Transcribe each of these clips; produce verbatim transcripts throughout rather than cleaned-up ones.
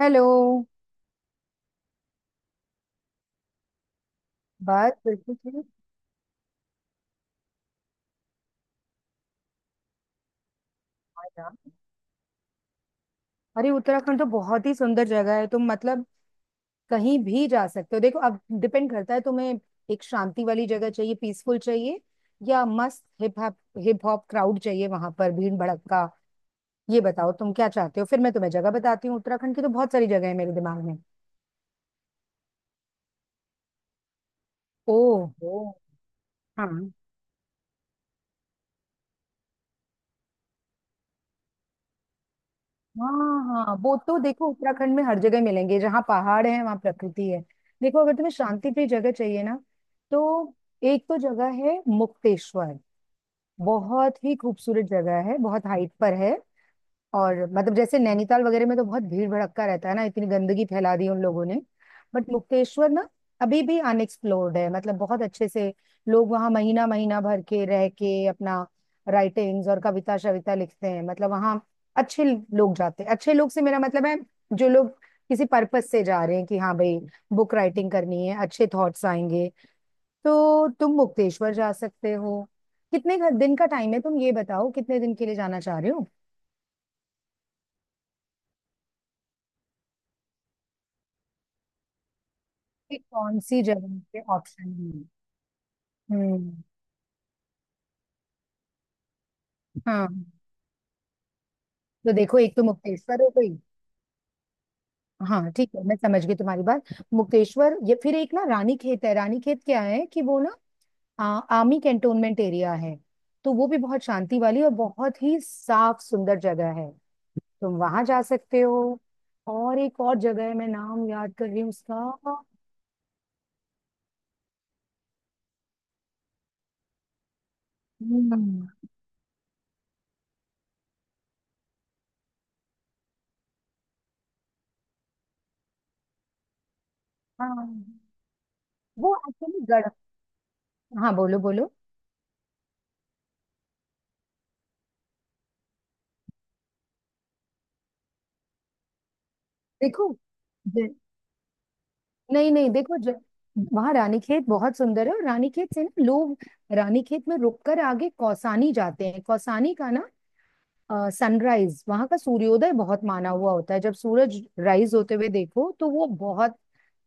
Hello. बस बिल्कुल ठीक। हाँ यार। अरे उत्तराखंड तो बहुत ही सुंदर जगह है, तुम मतलब कहीं भी जा सकते हो। देखो, अब डिपेंड करता है तुम्हें एक शांति वाली जगह चाहिए, पीसफुल चाहिए, या मस्त hip hop hip hop crowd चाहिए वहां पर भीड़ भड़क्का। ये बताओ तुम क्या चाहते हो, फिर मैं तुम्हें जगह बताती हूँ। उत्तराखंड की तो बहुत सारी जगह है मेरे दिमाग में। ओह ओ। हाँ हाँ हाँ, वो तो देखो उत्तराखंड में हर जगह मिलेंगे, जहाँ पहाड़ है वहाँ प्रकृति है। देखो, अगर तुम्हें शांति प्रिय जगह चाहिए ना, तो एक तो जगह है मुक्तेश्वर। बहुत ही खूबसूरत जगह है, बहुत हाइट पर है। और मतलब जैसे नैनीताल वगैरह में तो बहुत भीड़ भड़क्का रहता है ना, इतनी गंदगी फैला दी उन लोगों ने। बट मुक्तेश्वर ना अभी भी अनएक्सप्लोर्ड है, मतलब बहुत अच्छे से लोग वहाँ महीना महीना भर के रह के अपना राइटिंग्स और कविता शविता लिखते हैं। मतलब वहाँ अच्छे लोग जाते हैं। अच्छे लोग से मेरा मतलब है जो लोग किसी पर्पस से जा रहे हैं कि हाँ भाई बुक राइटिंग करनी है, अच्छे थॉट्स आएंगे। तो तुम मुक्तेश्वर जा सकते हो। कितने घ- दिन का टाइम है, तुम ये बताओ कितने दिन के लिए जाना चाह रहे हो, कि कौन सी जगह के ऑप्शन हैं। हम्म। हाँ, तो देखो एक तो मुक्तेश्वर हो गई। हाँ ठीक है, मैं समझ गई तुम्हारी बात। मुक्तेश्वर, ये फिर एक ना रानी खेत है। रानी खेत क्या है कि वो ना आ, आर्मी कैंटोनमेंट एरिया है। तो वो भी बहुत शांति वाली और बहुत ही साफ सुंदर जगह है। तुम वहां जा सकते हो। और एक और जगह है, मैं नाम याद कर रही हूँ उसका। हम्म। हाँ, वो एक्चुअली गढ़। हाँ बोलो बोलो। देखो, नहीं नहीं, देखो ज... वहां रानीखेत बहुत सुंदर है और रानीखेत से ना लोग रानीखेत में रुककर आगे कौसानी जाते हैं। कौसानी का ना सनराइज, वहां का सूर्योदय बहुत माना हुआ होता है। जब सूरज राइज होते हुए देखो तो वो बहुत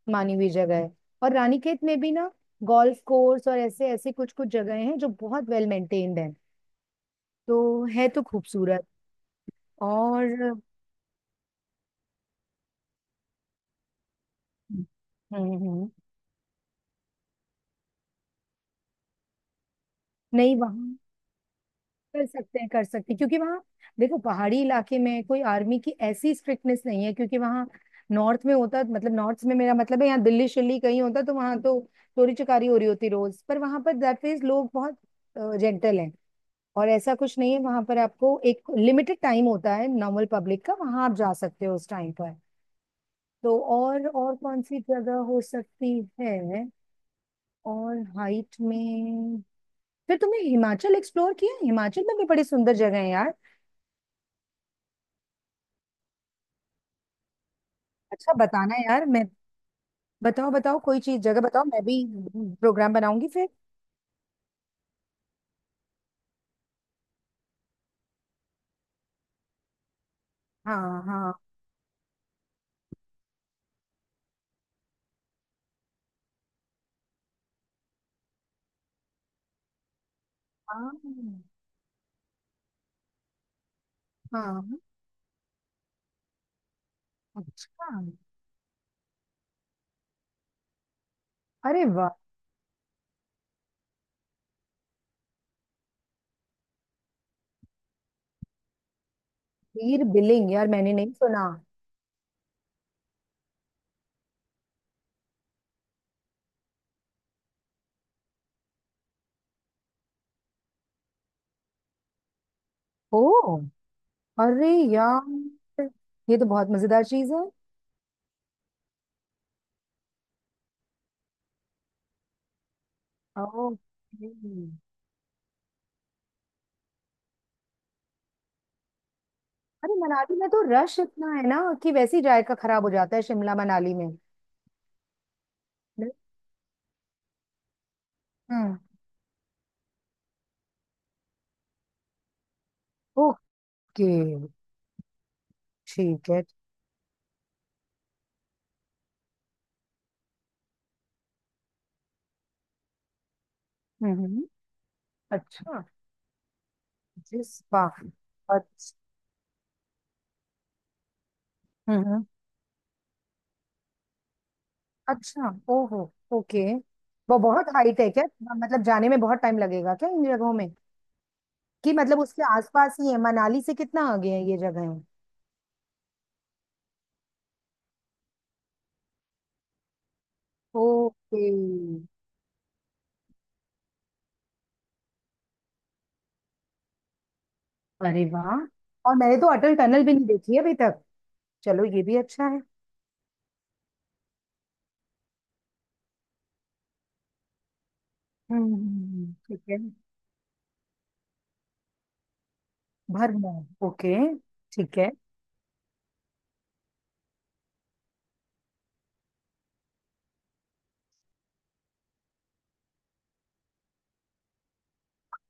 मानी हुई जगह है। और रानीखेत में भी ना गोल्फ कोर्स और ऐसे ऐसे कुछ कुछ जगह हैं जो बहुत वेल मेंटेन्ड हैं। तो है तो खूबसूरत। और। हम्म हम्म हम्म। नहीं वहाँ, कर सकते हैं कर सकते हैं, क्योंकि वहाँ देखो पहाड़ी इलाके में कोई आर्मी की ऐसी स्ट्रिक्टनेस नहीं है। क्योंकि वहाँ नॉर्थ में होता, मतलब नॉर्थ में मेरा मतलब है, यहाँ दिल्ली शिल्ली कहीं होता तो वहाँ तो चोरी चकारी हो रही होती रोज। पर वहाँ पर दैट मीन्स लोग बहुत जेंटल हैं। और ऐसा कुछ नहीं है। वहाँ पर आपको एक लिमिटेड टाइम होता है नॉर्मल पब्लिक का, वहाँ आप जा सकते हो उस टाइम पर। तो और और कौन सी जगह हो सकती है और हाइट में? फिर तुमने हिमाचल एक्सप्लोर किया? हिमाचल में भी बड़ी सुंदर जगह है यार। अच्छा, बताना यार। मैं बताओ बताओ कोई चीज, जगह बताओ, मैं भी प्रोग्राम बनाऊंगी फिर। हाँ हाँ हाँ हाँ। अच्छा। अरे वाह। वीर बिलिंग, यार मैंने नहीं सुना। ओ। अरे यार, ये तो बहुत मजेदार चीज है। ओके। अरे मनाली में तो रश इतना है ना कि वैसे ही जायका खराब हो जाता है शिमला मनाली में। हम्म। ओके। ठीक है। हम्म हम्म। अच्छा, जिस बात। अच्छा। हम्म। अच्छा, ओहो। ओके। वो बहुत हाइट है क्या? मतलब जाने में बहुत टाइम लगेगा क्या इन जगहों में? कि मतलब उसके आसपास ही है, मनाली से कितना आगे है ये जगह? ओके। अरे वाह, और मैंने तो अटल टनल भी नहीं देखी है अभी तक। चलो, ये भी अच्छा है। हम्म हम्म हम्म। ठीक है। भरमौर, ओके। ठीक है।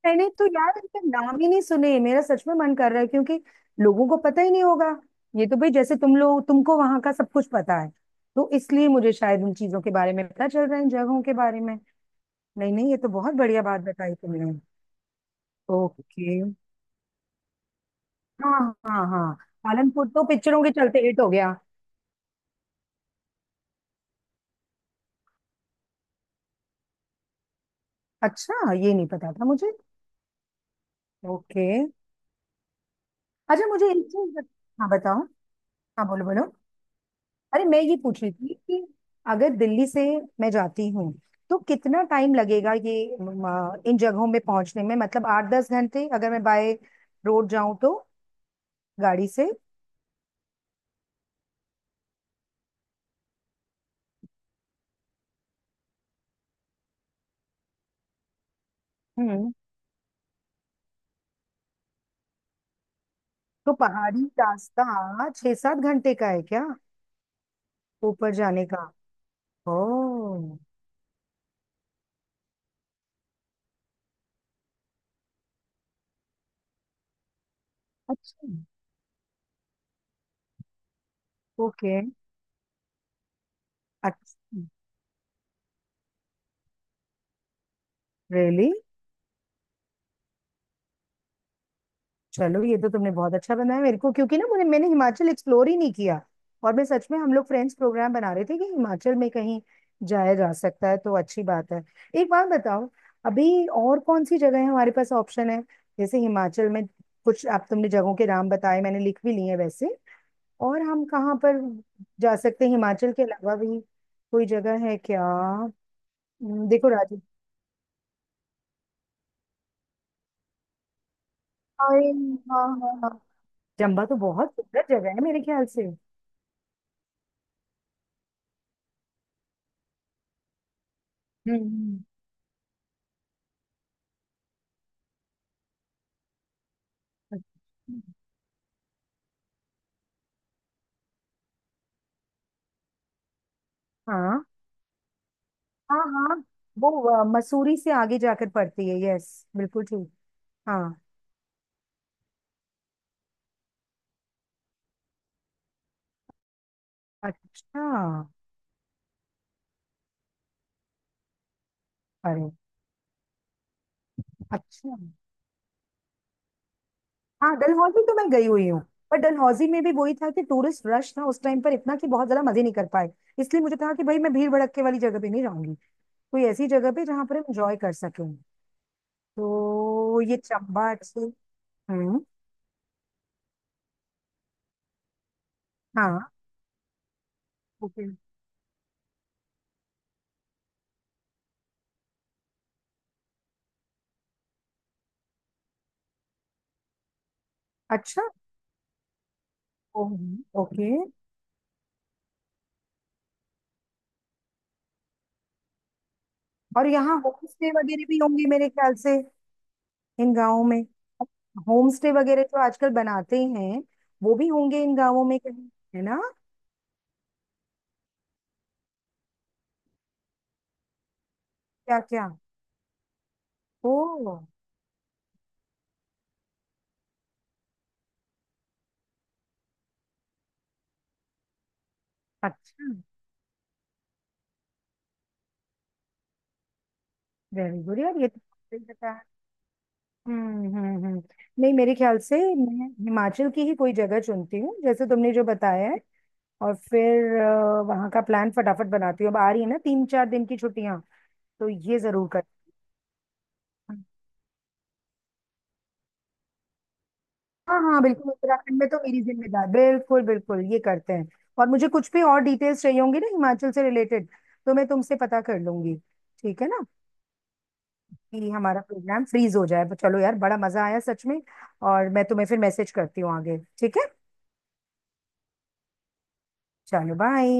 मैंने तो यार इनके नाम ही नहीं सुने। मेरा सच में मन कर रहा है, क्योंकि लोगों को पता ही नहीं होगा। ये तो भाई जैसे तुम लोग, तुमको वहां का सब कुछ पता है, तो इसलिए मुझे शायद उन चीजों के बारे में पता चल रहा है, इन जगहों के बारे में। नहीं नहीं, ये तो बहुत बढ़िया बात बताई तुमने। ओके। हाँ हाँ हाँ। पालनपुर तो पिक्चरों के चलते हिट हो गया। अच्छा, ये नहीं पता था मुझे। ओके। अच्छा मुझे एक चीज बत- हाँ बताओ। हाँ बोलो बोलो। अरे मैं ये पूछ रही थी कि अगर दिल्ली से मैं जाती हूँ तो कितना टाइम लगेगा ये म, अ, इन जगहों में पहुंचने में? मतलब आठ दस घंटे, अगर मैं बाय रोड जाऊं तो, गाड़ी से? हम्म। तो पहाड़ी रास्ता छह सात घंटे का है क्या, ऊपर जाने का? ओ। अच्छा। ओके। अच्छा। रियली? चलो, ये तो तुमने बहुत अच्छा बनाया मेरे को, क्योंकि ना मुझे मैंने हिमाचल एक्सप्लोर ही नहीं किया। और मैं सच में, हम लोग फ्रेंड्स प्रोग्राम बना रहे थे कि हिमाचल में कहीं जाया जा सकता है, तो अच्छी बात है। एक बात बताओ, अभी और कौन सी जगह है, हमारे पास ऑप्शन है जैसे हिमाचल में? कुछ आप तुमने जगहों के नाम बताए, मैंने लिख भी लिए हैं वैसे। और हम कहाँ पर जा सकते हैं हिमाचल के अलावा भी, कोई जगह है क्या? हम्म। देखो राजू, हाय, हाँ हाँ हाँ, जम्बा तो बहुत सुंदर जगह है मेरे ख्याल से। हम्म हम्म। हाँ हाँ हाँ, वो अ, मसूरी से आगे जाकर पड़ती है, यस बिल्कुल ठीक। हाँ। अच्छा। अरे। अच्छा। हाँ डलहौजी तो मैं गई हुई हूँ। पर डलहौजी में भी वही था कि टूरिस्ट रश था उस टाइम पर इतना कि बहुत ज्यादा मजे नहीं कर पाए। इसलिए मुझे था कि भाई मैं भीड़ भड़क के वाली जगह पे नहीं जाऊंगी, कोई ऐसी जगह पे जहाँ पर हम एंजॉय कर सकें। तो ये चंबा अच्छी। हम्म। हाँ। ओके। अच्छा। ओके। और यहाँ होम स्टे वगैरह भी होंगे मेरे ख्याल से, इन गाँवों में? होम स्टे वगैरह जो आजकल बनाते हैं, वो भी होंगे इन गाँवों में कहीं, है ना? क्या क्या? ओ। अच्छा। वेरी गुड यार, ये तो मुझे नहीं पता। हम्म हम्म हम्म। नहीं, मेरे ख्याल से मैं हिमाचल की ही कोई जगह चुनती हूँ, जैसे तुमने जो बताया है। और फिर अ, वहाँ का प्लान फटाफट बनाती हूँ, अब आ रही है ना तीन चार दिन की छुट्टियाँ। तो ये जरूर कर। हाँ हाँ बिल्कुल, उत्तराखंड में तो मेरी जिम्मेदार, बिल्कुल बिल्कुल ये करते हैं। और मुझे कुछ भी और डिटेल्स चाहिए होंगी ना हिमाचल से रिलेटेड, तो मैं तुमसे पता कर लूंगी। ठीक है ना, कि हमारा प्रोग्राम फ्रीज हो जाए? तो चलो यार, बड़ा मजा आया सच में। और मैं तुम्हें फिर मैसेज करती हूँ आगे, ठीक है। चलो बाय।